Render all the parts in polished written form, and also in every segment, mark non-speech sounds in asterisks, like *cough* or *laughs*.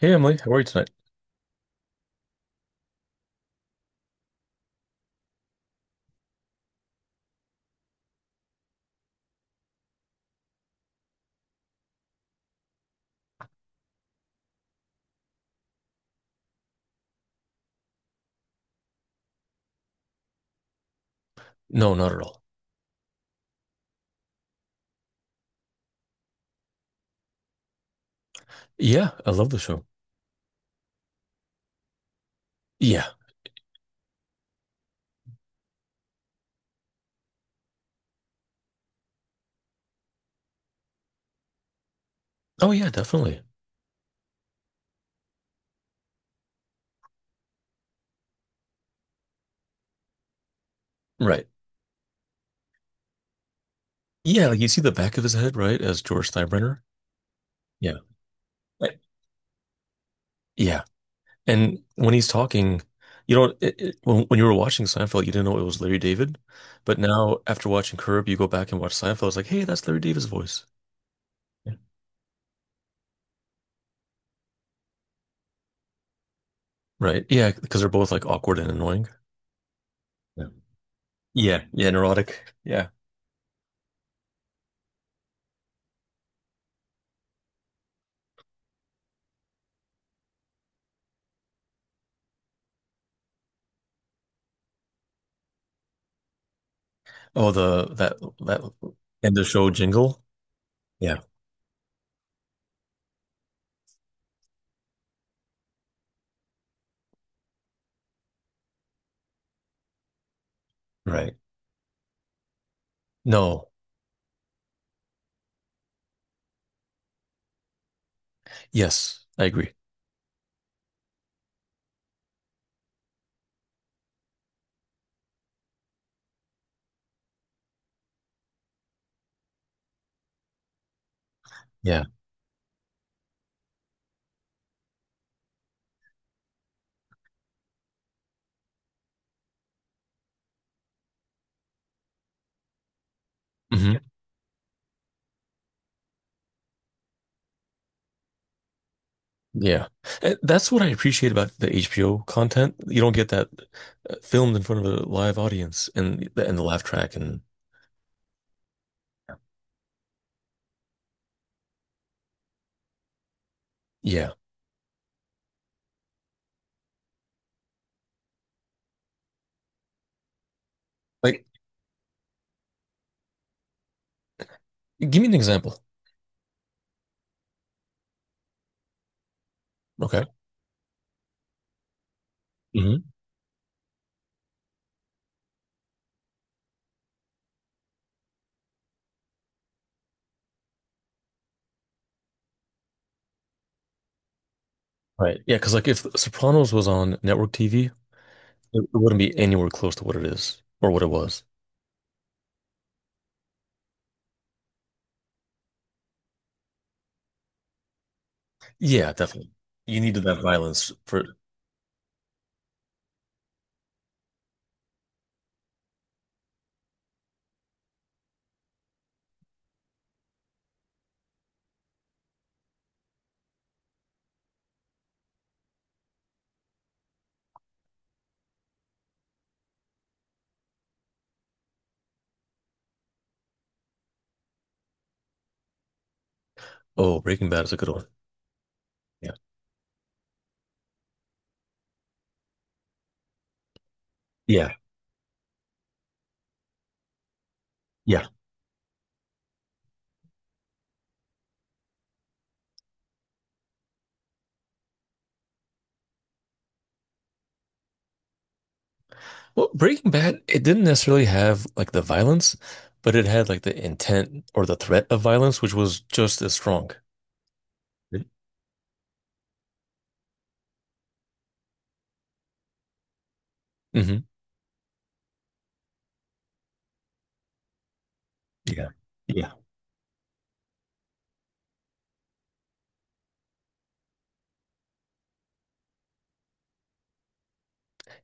Hey Emily, how are you tonight? No, not at all. Yeah, I love the show. Yeah. Oh yeah, definitely. Right. Yeah, like you see the back of his head, right, as George Steinbrenner. Yeah. I- Yeah. And when he's talking, when you were watching Seinfeld, you didn't know it was Larry David, but now after watching Curb, you go back and watch Seinfeld. It's like, hey, that's Larry David's voice. Yeah. Right. Yeah, because they're both like awkward and annoying. Yeah. Yeah. Yeah. Neurotic. Yeah. Oh, the that that end of show jingle. Yeah. Right. No. Yes, I agree. Yeah. Hmm. Yeah. And that's what I appreciate about the HBO content. You don't get that filmed in front of a live audience and the laugh track and yeah. Like give me an example. Okay. Hmm. Right. Yeah, because like if Sopranos was on network TV, it wouldn't be anywhere close to what it is or what it was. Yeah, definitely. You needed that violence for Oh, Breaking Bad is a good one. Yeah. Yeah. Yeah. Well, Breaking Bad, it didn't necessarily have like the violence, but it had like the intent or the threat of violence, which was just as strong. Hmm. Yeah. Yeah.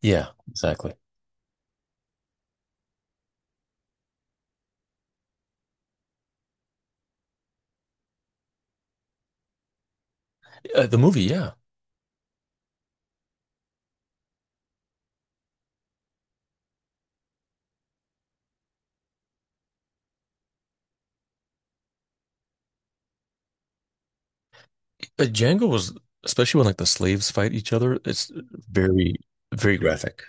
Yeah, exactly. The movie, yeah. Django was, especially when like the slaves fight each other, it's very, very graphic.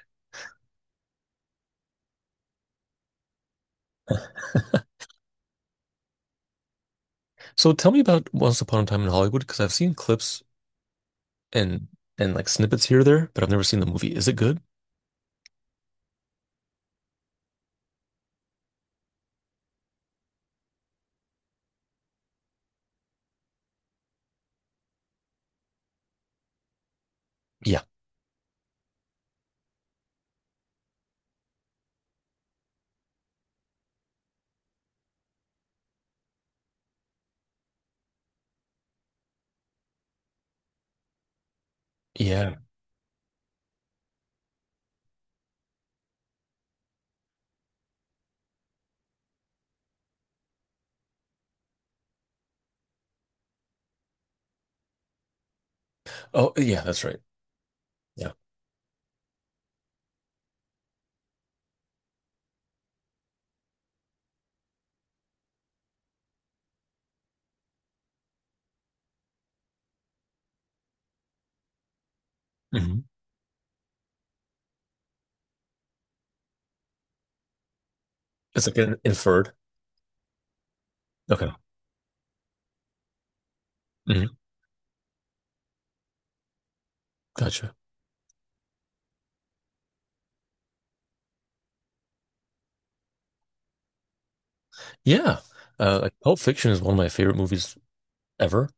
So tell me about Once Upon a Time in Hollywood, because I've seen clips and like snippets here or there, but I've never seen the movie. Is it good? Yeah. Yeah. Oh, yeah, that's right. Yeah. Hmm. It's like an inferred. Okay. Hmm. Gotcha. Yeah. Like Pulp Fiction is one of my favorite movies ever.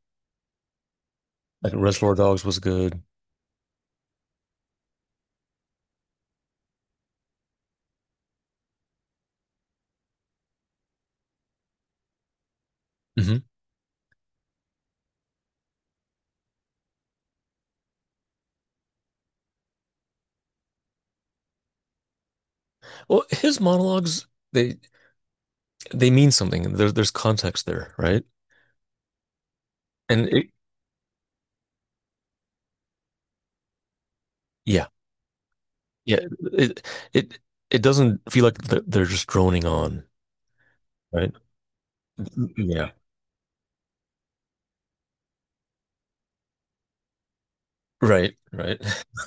Like Reservoir Dogs was good. Hmm. Well, his monologues they they mean something. There's context there, right? And it, yeah, yeah. It it it doesn't feel like they're just droning on, right? Yeah. Right. Right. *laughs*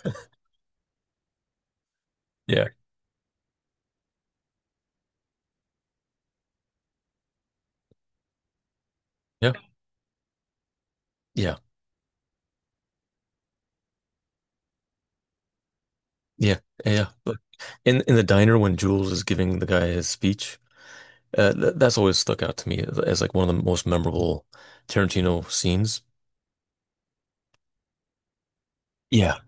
Yeah. Yeah. Yeah. Yeah. Yeah. But in the diner when Jules is giving the guy his speech, th that's always stuck out to me as, like one of the most memorable Tarantino scenes. Yeah.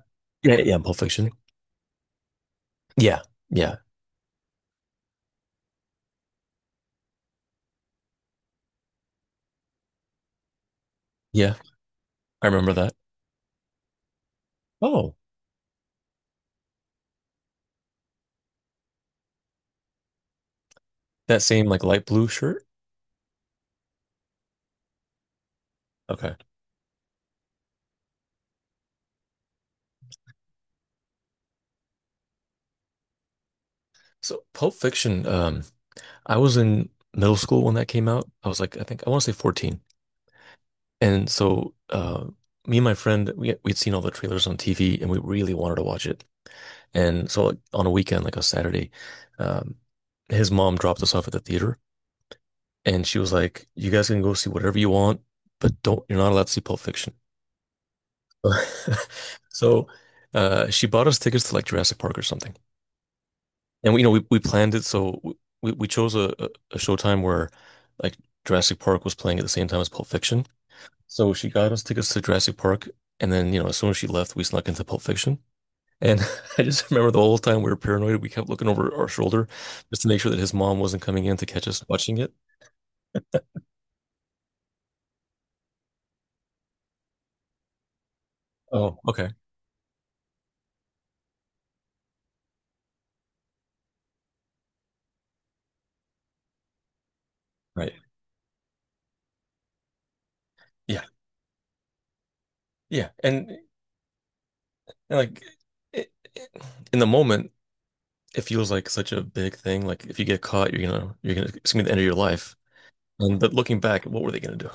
Yeah, yeah, Pulp Fiction. Yeah, yeah, yeah. I remember that. Oh, that same like light blue shirt. Okay. So Pulp Fiction, I was in middle school when that came out. I was like, I think I want to say 14. And so me and my friend, we'd seen all the trailers on TV and we really wanted to watch it. And so like on a weekend, like a Saturday, um, his mom dropped us off at the theater and she was like, "You guys can go see whatever you want, but don't you're not allowed to see Pulp Fiction." *laughs* So, she bought us tickets to like Jurassic Park or something, and we, you know, we planned it. So we chose a showtime where like Jurassic Park was playing at the same time as Pulp Fiction. So she got us tickets to Jurassic Park, and then you know, as soon as she left, we snuck into Pulp Fiction. And *laughs* I just remember the whole time we were paranoid. We kept looking over our shoulder just to make sure that his mom wasn't coming in to catch us watching it. Oh, okay, right, yeah, yeah, and like. it- it- In the moment, it feels like such a big thing. Like if you get caught, you're gonna it's gonna be the end of your life. And but looking back, what were they gonna do?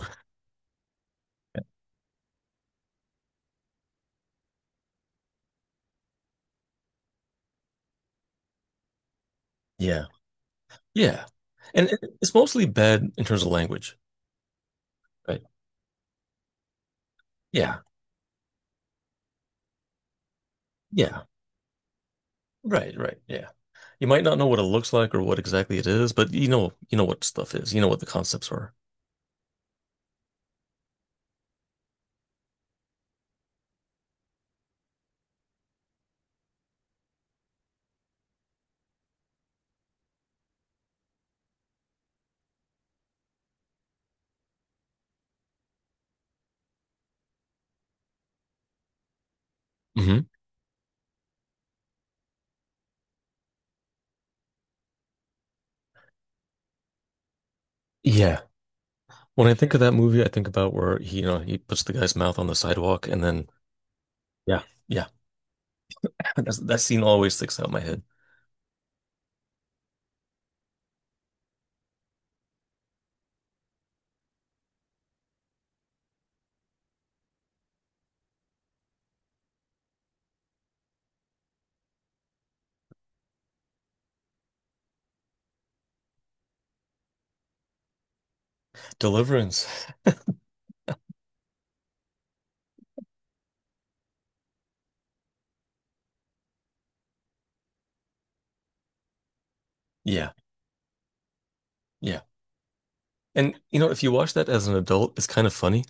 Yeah. Yeah. And it's mostly bad in terms of language, right? Yeah. Yeah. Right, right. Yeah. You might not know what it looks like or what exactly it is, but you know what stuff is. You know what the concepts are. Hmm. Yeah. When I think of that movie, I think about where he, you know, he puts the guy's mouth on the sidewalk and then yeah. Yeah. *laughs* That's, that scene always sticks out in my head. Deliverance. Yeah. Yeah. And you know, if you watch that as an adult, it's kind of funny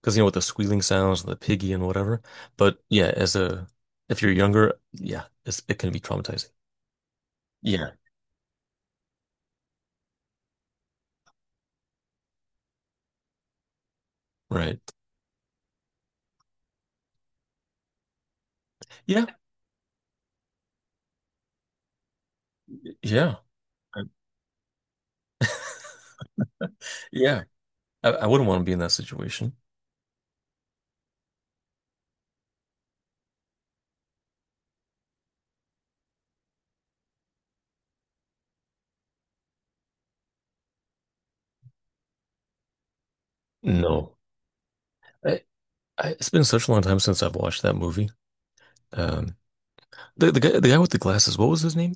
because you know with the squealing sounds and the piggy and whatever. But yeah, as a if you're younger, yeah, it can be traumatizing. Yeah. Right. Yeah. Yeah. I- Yeah. I wouldn't want to be in that situation. No. I, it's been such a long time since I've watched that movie. Um, the guy with the glasses, what was his name?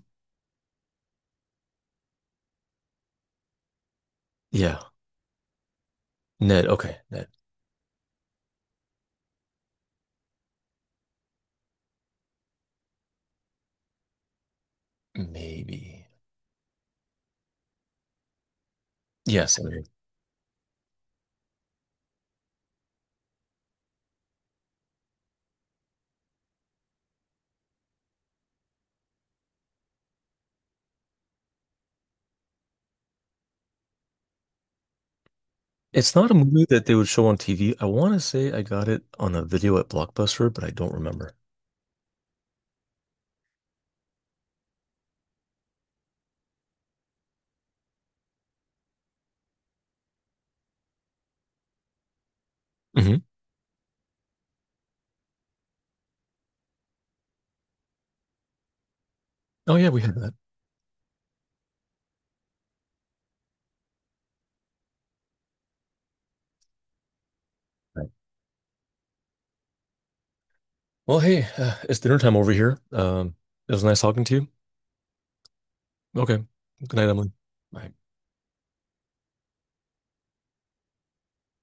Yeah, Ned. Okay, Ned. Maybe. Yes. It's not a movie that they would show on TV. I want to say I got it on a video at Blockbuster, but I don't remember. Hmm. Oh yeah, we had that. Right. Well, hey, it's dinner time over here. It was nice talking to you. Okay. Good night, Emily. Bye.